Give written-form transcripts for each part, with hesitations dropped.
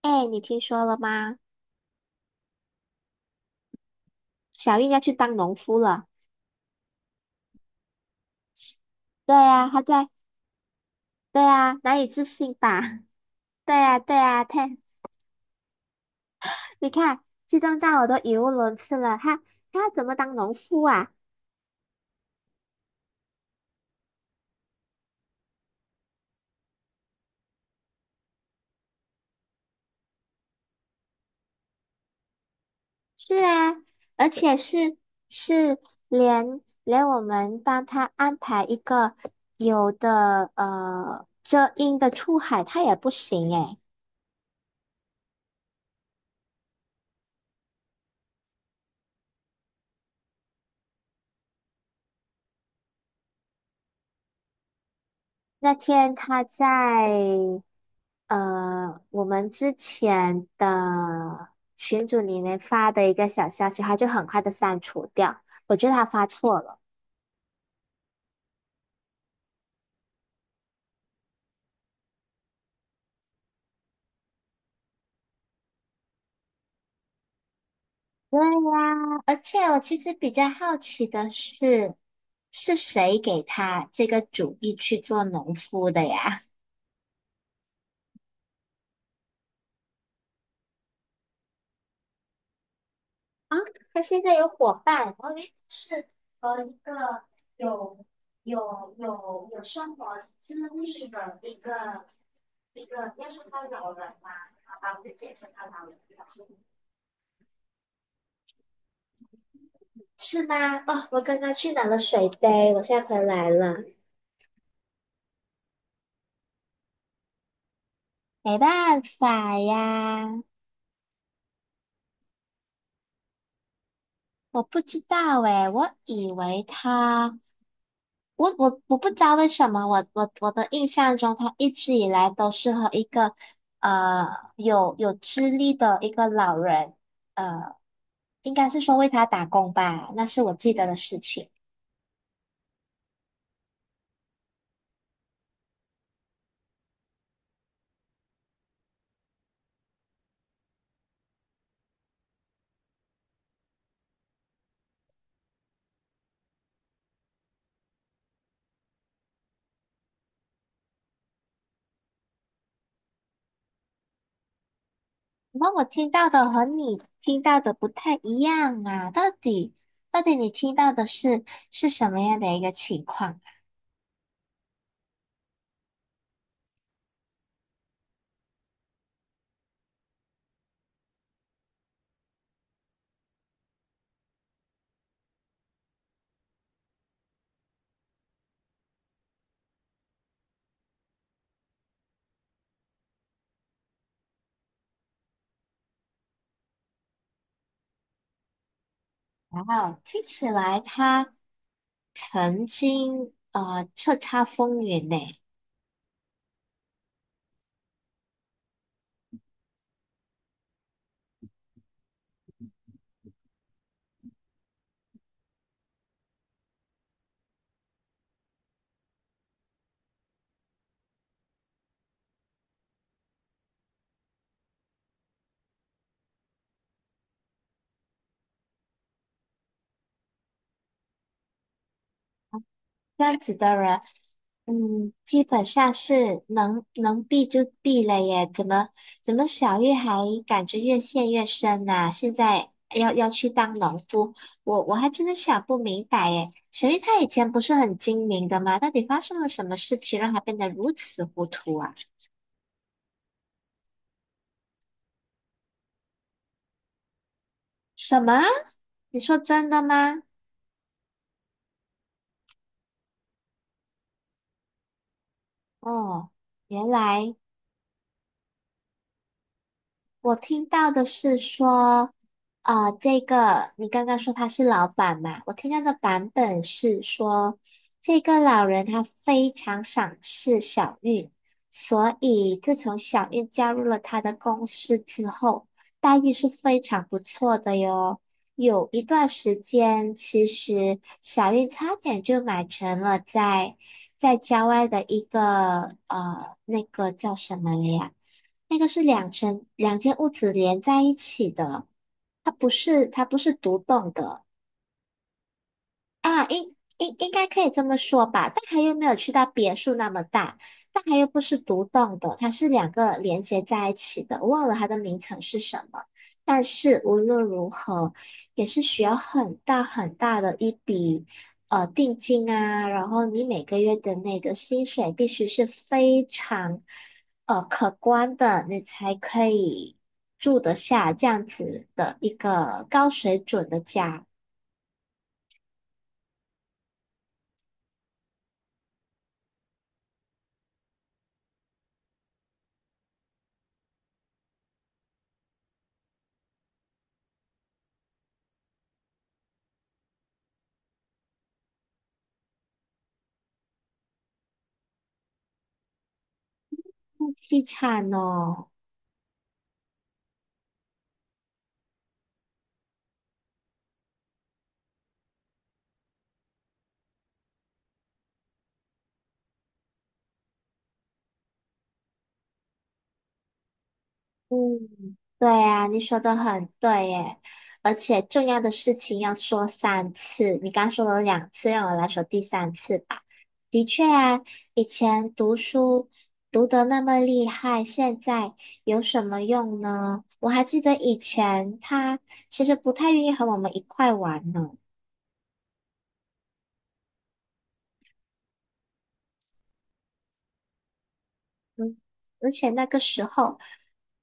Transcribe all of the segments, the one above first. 哎，你听说了吗？小玉要去当农夫了。对呀，她在。对呀，难以置信吧？对呀，对呀，她，你看，激动到我都语无伦次了。她，她要怎么当农夫啊？是啊，而且是连我们帮她安排一个有的遮阴的出海，她也不行诶。那天她在我们之前的群组里面发的一个小消息，他就很快的删除掉。我觉得他发错了。对呀，而且我其实比较好奇的是，是谁给他这个主意去做农夫的呀？啊，他现在有伙伴，我以为是和一个有有生活经历的一个一个，要说他老人嘛，好吧，我就简称他老人吧。是吗？哦，我刚刚去拿了水杯，我现在回来了。没办法呀，我不知道诶，我以为他，我不知道为什么，我的印象中，他一直以来都是和一个呃有资历的一个老人，呃，应该是说为他打工吧，那是我记得的事情。那我听到的和你听到的不太一样啊，到底到底你听到的是是什么样的一个情况啊？哇哦，听起来他曾经叱咤风云呢。这样子的人。嗯，基本上是能避就避了耶，怎么小玉还感觉越陷越深呐、现在要去当农夫，我还真的想不明白耶。小玉她以前不是很精明的吗？到底发生了什么事情让她变得如此糊涂啊？什么？你说真的吗？哦，原来。我听到的是说，啊，这个你刚刚说他是老板嘛？我听到的版本是说，这个老人他非常赏识小韵，所以自从小韵加入了他的公司之后，待遇是非常不错的哟。有一段时间，其实小韵差点就买成了在在郊外的一个那个叫什么了呀？那个是两层两间屋子连在一起的，它不是独栋的。啊，应该可以这么说吧，但它又没有去到别墅那么大，但它又不是独栋的，它是两个连接在一起的，我忘了它的名称是什么。但是无论如何，也是需要很大很大的一笔定金啊，然后你每个月的那个薪水必须是非常可观的，你才可以住得下这样子的一个高水准的家。那凄惨哦。嗯，对啊，你说的很对耶，而且重要的事情要说三次，你刚说了两次，让我来说第三次吧。的确啊，以前读书读得那么厉害，现在有什么用呢？我还记得以前他其实不太愿意和我们一块玩呢。嗯，而且那个时候，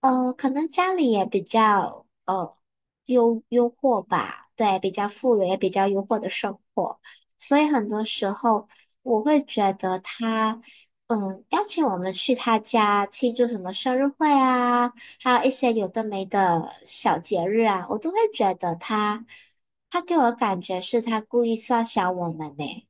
可能家里也比较渥吧，对，比较富裕，也比较优渥的生活，所以很多时候我会觉得他，嗯，邀请我们去他家庆祝什么生日会啊，还有一些有的没的小节日啊，我都会觉得他，他给我的感觉是他故意刷小我们呢。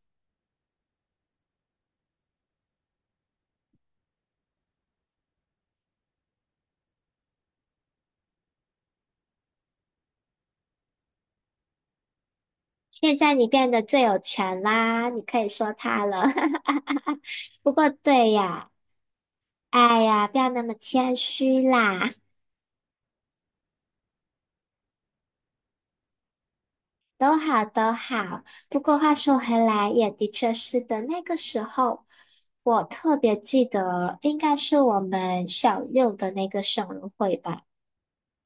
现在你变得最有钱啦，你可以说他了。不过对呀，哎呀，不要那么谦虚啦，都好都好。不过话说回来，也的确是的，那个时候我特别记得，应该是我们小六的那个生日会吧。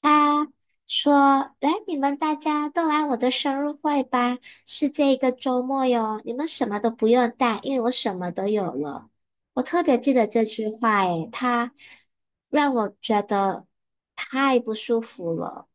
他说："来，你们大家都来我的生日会吧，是这个周末哟，你们什么都不用带，因为我什么都有了。"我特别记得这句话，诶，他让我觉得太不舒服了。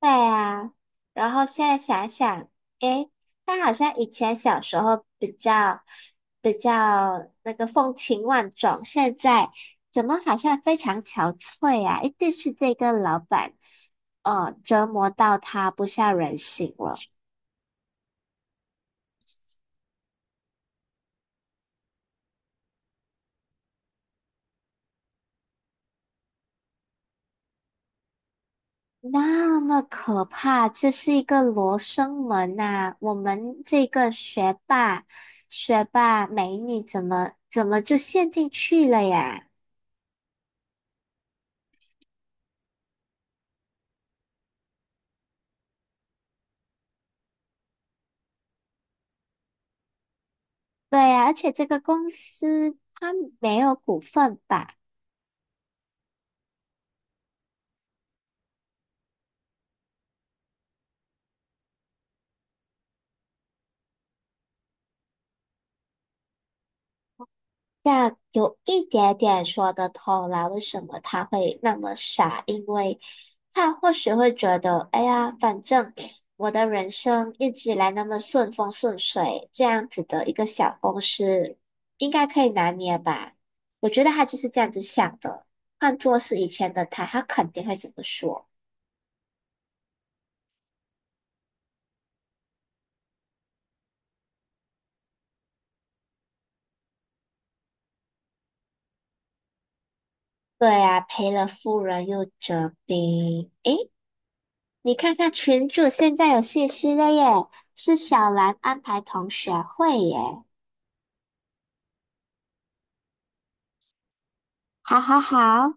对啊，然后现在想想，诶，他好像以前小时候比较比较那个风情万种，现在怎么好像非常憔悴啊？一定是这个老板，折磨到他不像人形了。那么可怕，这是一个罗生门呐、我们这个学霸美女怎么就陷进去了呀？对呀，而且这个公司它没有股份吧？这样有一点点说得通啦，为什么他会那么傻？因为他或许会觉得，哎呀，反正 我的人生一直以来那么顺风顺水，这样子的一个小公司应该可以拿捏吧？我觉得他就是这样子想的。换做是以前的他，他肯定会这么说。对呀，赔了夫人又折兵。诶，你看看群主现在有信息了耶，是小兰安排同学会耶。好好好，